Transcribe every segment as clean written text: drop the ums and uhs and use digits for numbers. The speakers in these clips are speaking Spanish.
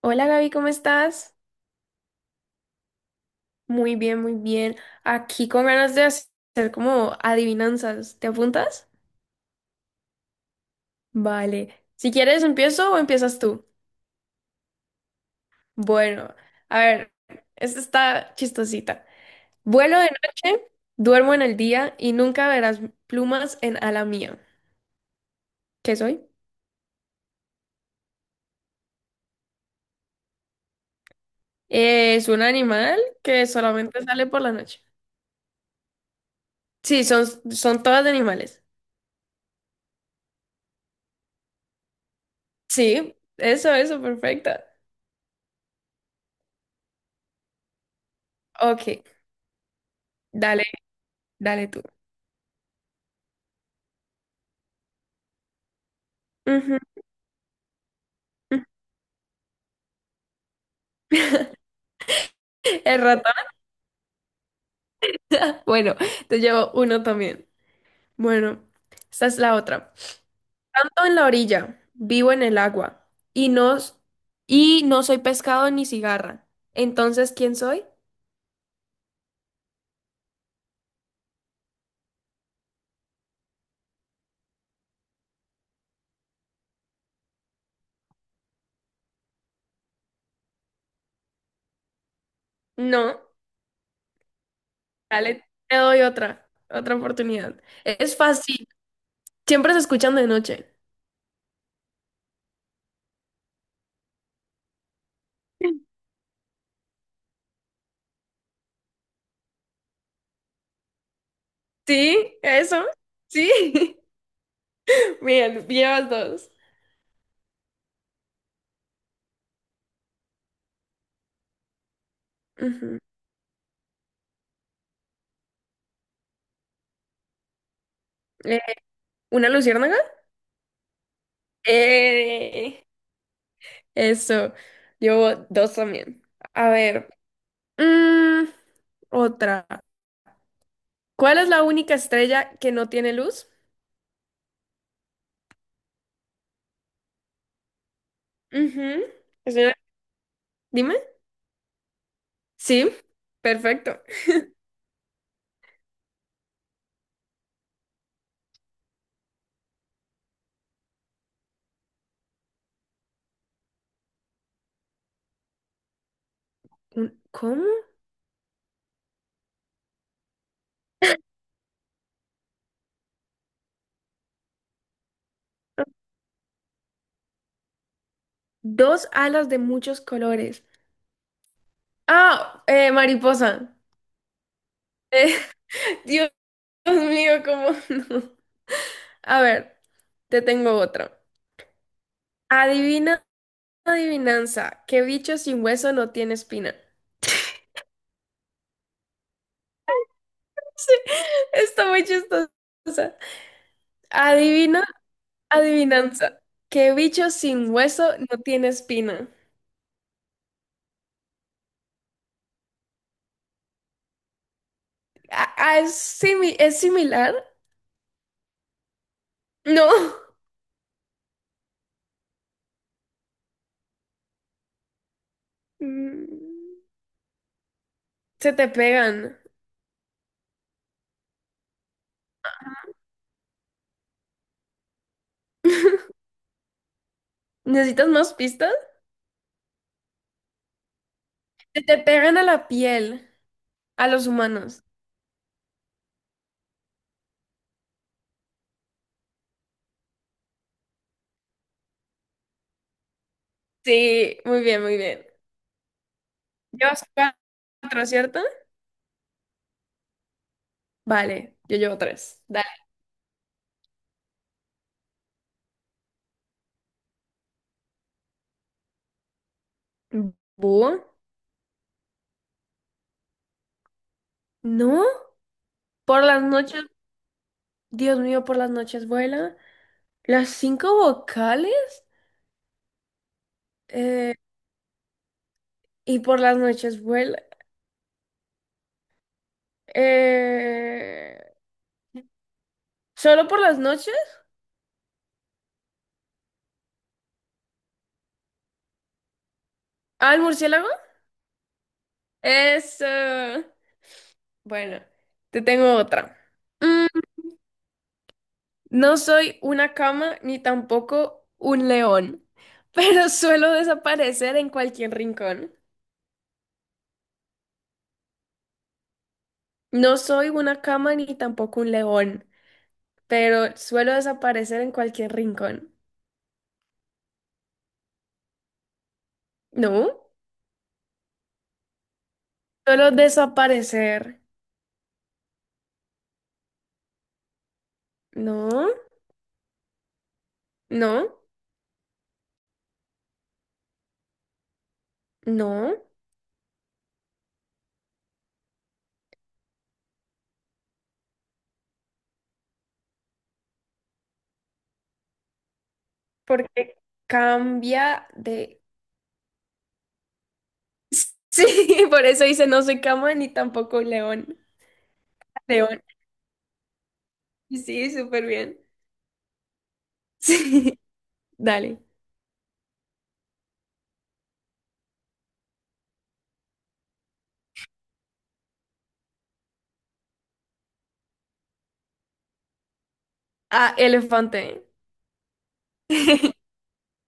Hola Gaby, ¿cómo estás? Muy bien, muy bien. Aquí con ganas de hacer como adivinanzas. ¿Te apuntas? Vale. Si quieres, empiezo o empiezas tú. Bueno, a ver, esta está chistosita. Vuelo de noche, duermo en el día y nunca verás plumas en ala mía. ¿Qué soy? Es un animal que solamente sale por la noche. Sí, son, son todas de animales. Sí, eso, perfecta. Ok, dale, dale tú. Ujú, ujú. El ratón. Bueno, te llevo uno también. Bueno, esta es la otra. Tanto en la orilla, vivo en el agua, y no, y no soy pescado ni cigarra. Entonces, ¿quién soy? No, dale, te doy otra oportunidad. Es fácil, siempre se escuchan de noche. ¿Sí? ¿Eso? Sí. Bien, llevas dos. Ujú. Eh, ¿Una luciérnaga? Eh, Eso, llevo dos también. A ver. Mm, Otra. ¿Cuál es la única estrella que no tiene luz? Ujú. Es una- Dime. Sí, perfecto. ¿Cómo? Dos alas de muchos colores. Ah, mariposa. Eh, Dios mío, ¿cómo no? A ver, te tengo otra. Adivina, adivinanza. ¿Qué bicho sin hueso no tiene espina? Sí, está muy chistosa. Adivina adivinanza. ¿Qué bicho sin hueso no tiene espina? Ah, ah, ¿es similar? No. Mm, Se te pegan. ¿Necesitas más pistas? Se te pegan a la piel, a los humanos. Sí, muy bien, muy bien. Llevas cuatro, ¿cierto? Vale, yo llevo tres. Dale. ¿Búho? ¿No? Por las noches, Dios mío, por las noches vuela. ¿Las cinco vocales? Eh, y por las noches vuela. Eh, ¿Solo por las noches? ¿Al murciélago? Es... eh, Bueno, te tengo otra. Mm, no soy una cama ni tampoco un león, pero suelo desaparecer en cualquier rincón. No soy una cama ni tampoco un león, pero suelo desaparecer en cualquier rincón. ¿No? Suelo desaparecer. No, no, no, porque cambia de... Sí, por eso dice no soy cama ni tampoco león. León. Sí, súper bien. Sí, dale. Ah, elefante.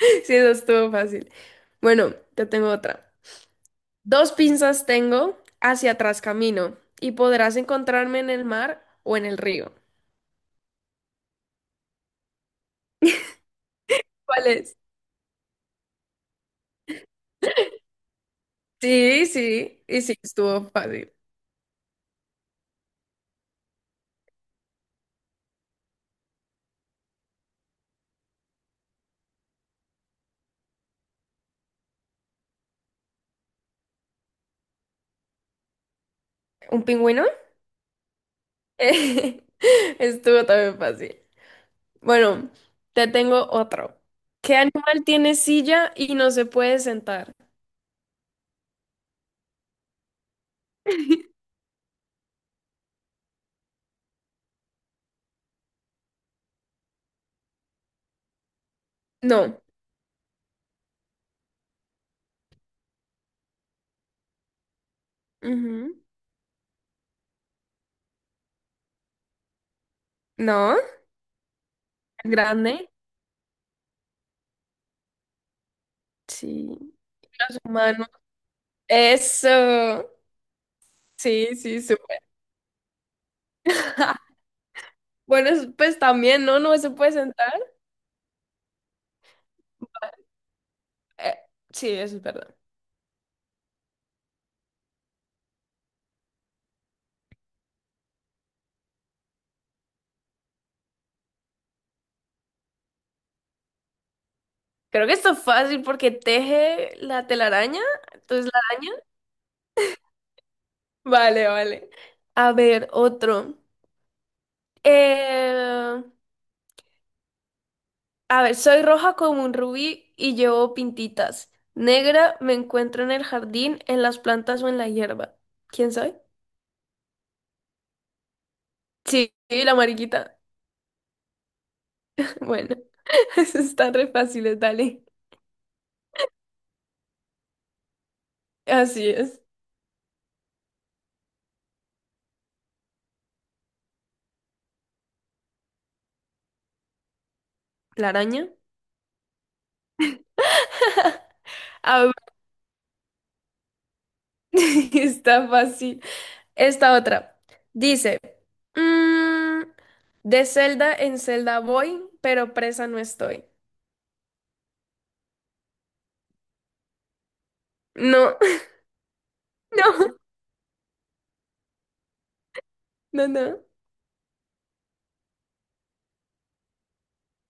Sí, eso estuvo fácil. Bueno, te tengo otra. Dos pinzas tengo, hacia atrás camino, y podrás encontrarme en el mar o en el río. ¿Cuál es? Sí, sí, y sí, estuvo fácil. ¿Un pingüino? Estuvo también fácil. Bueno, te tengo otro. ¿Qué animal tiene silla y no se puede sentar? No. Ujú. No. ¿Grande? Sí. Los humanos. Eso. Sí, sí, súper. Bueno, pues también, ¿no? No se puede sentar. Eh, sí, eso es verdad. Creo que esto es fácil porque teje la telaraña. Entonces la araña. Vale, vale. A ver, otro. Eh, A ver, soy roja como un rubí y llevo pintitas. Negra me encuentro en el jardín, en las plantas o en la hierba. ¿Quién soy? Sí, la mariquita. Bueno, eso está re fácil, dale. Así es. ¿La araña? A ver, está fácil. Esta otra. Dice, mm, de celda en celda voy, pero presa no estoy. No, no, no, no.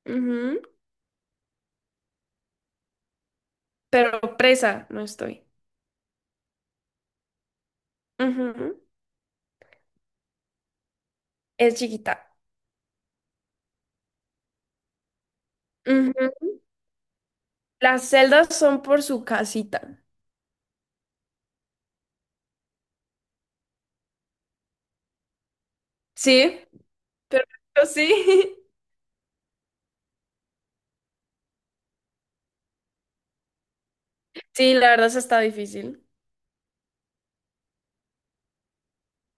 Ujú. Pero presa no estoy. Ujú. Es chiquita. Ujú. Las celdas son por su casita. Sí, perfecto, sí. Sí, la verdad eso está difícil.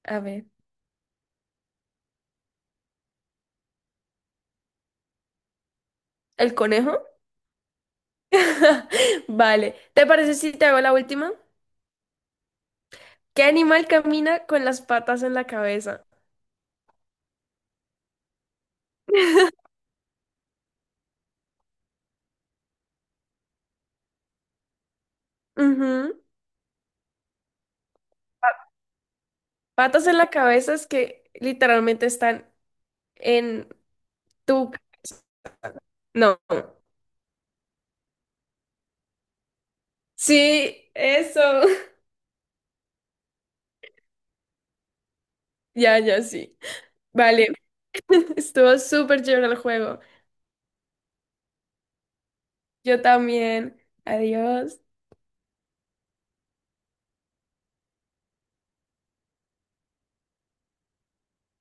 A ver, ¿el conejo? Vale. ¿Te parece si te hago la última? ¿Qué animal camina con las patas en la cabeza? Ujú. Patas en la cabeza es que literalmente están en tu... No. Sí, eso. Ya, ya, sí. Vale. Estuvo súper chévere el juego. Yo también. Adiós.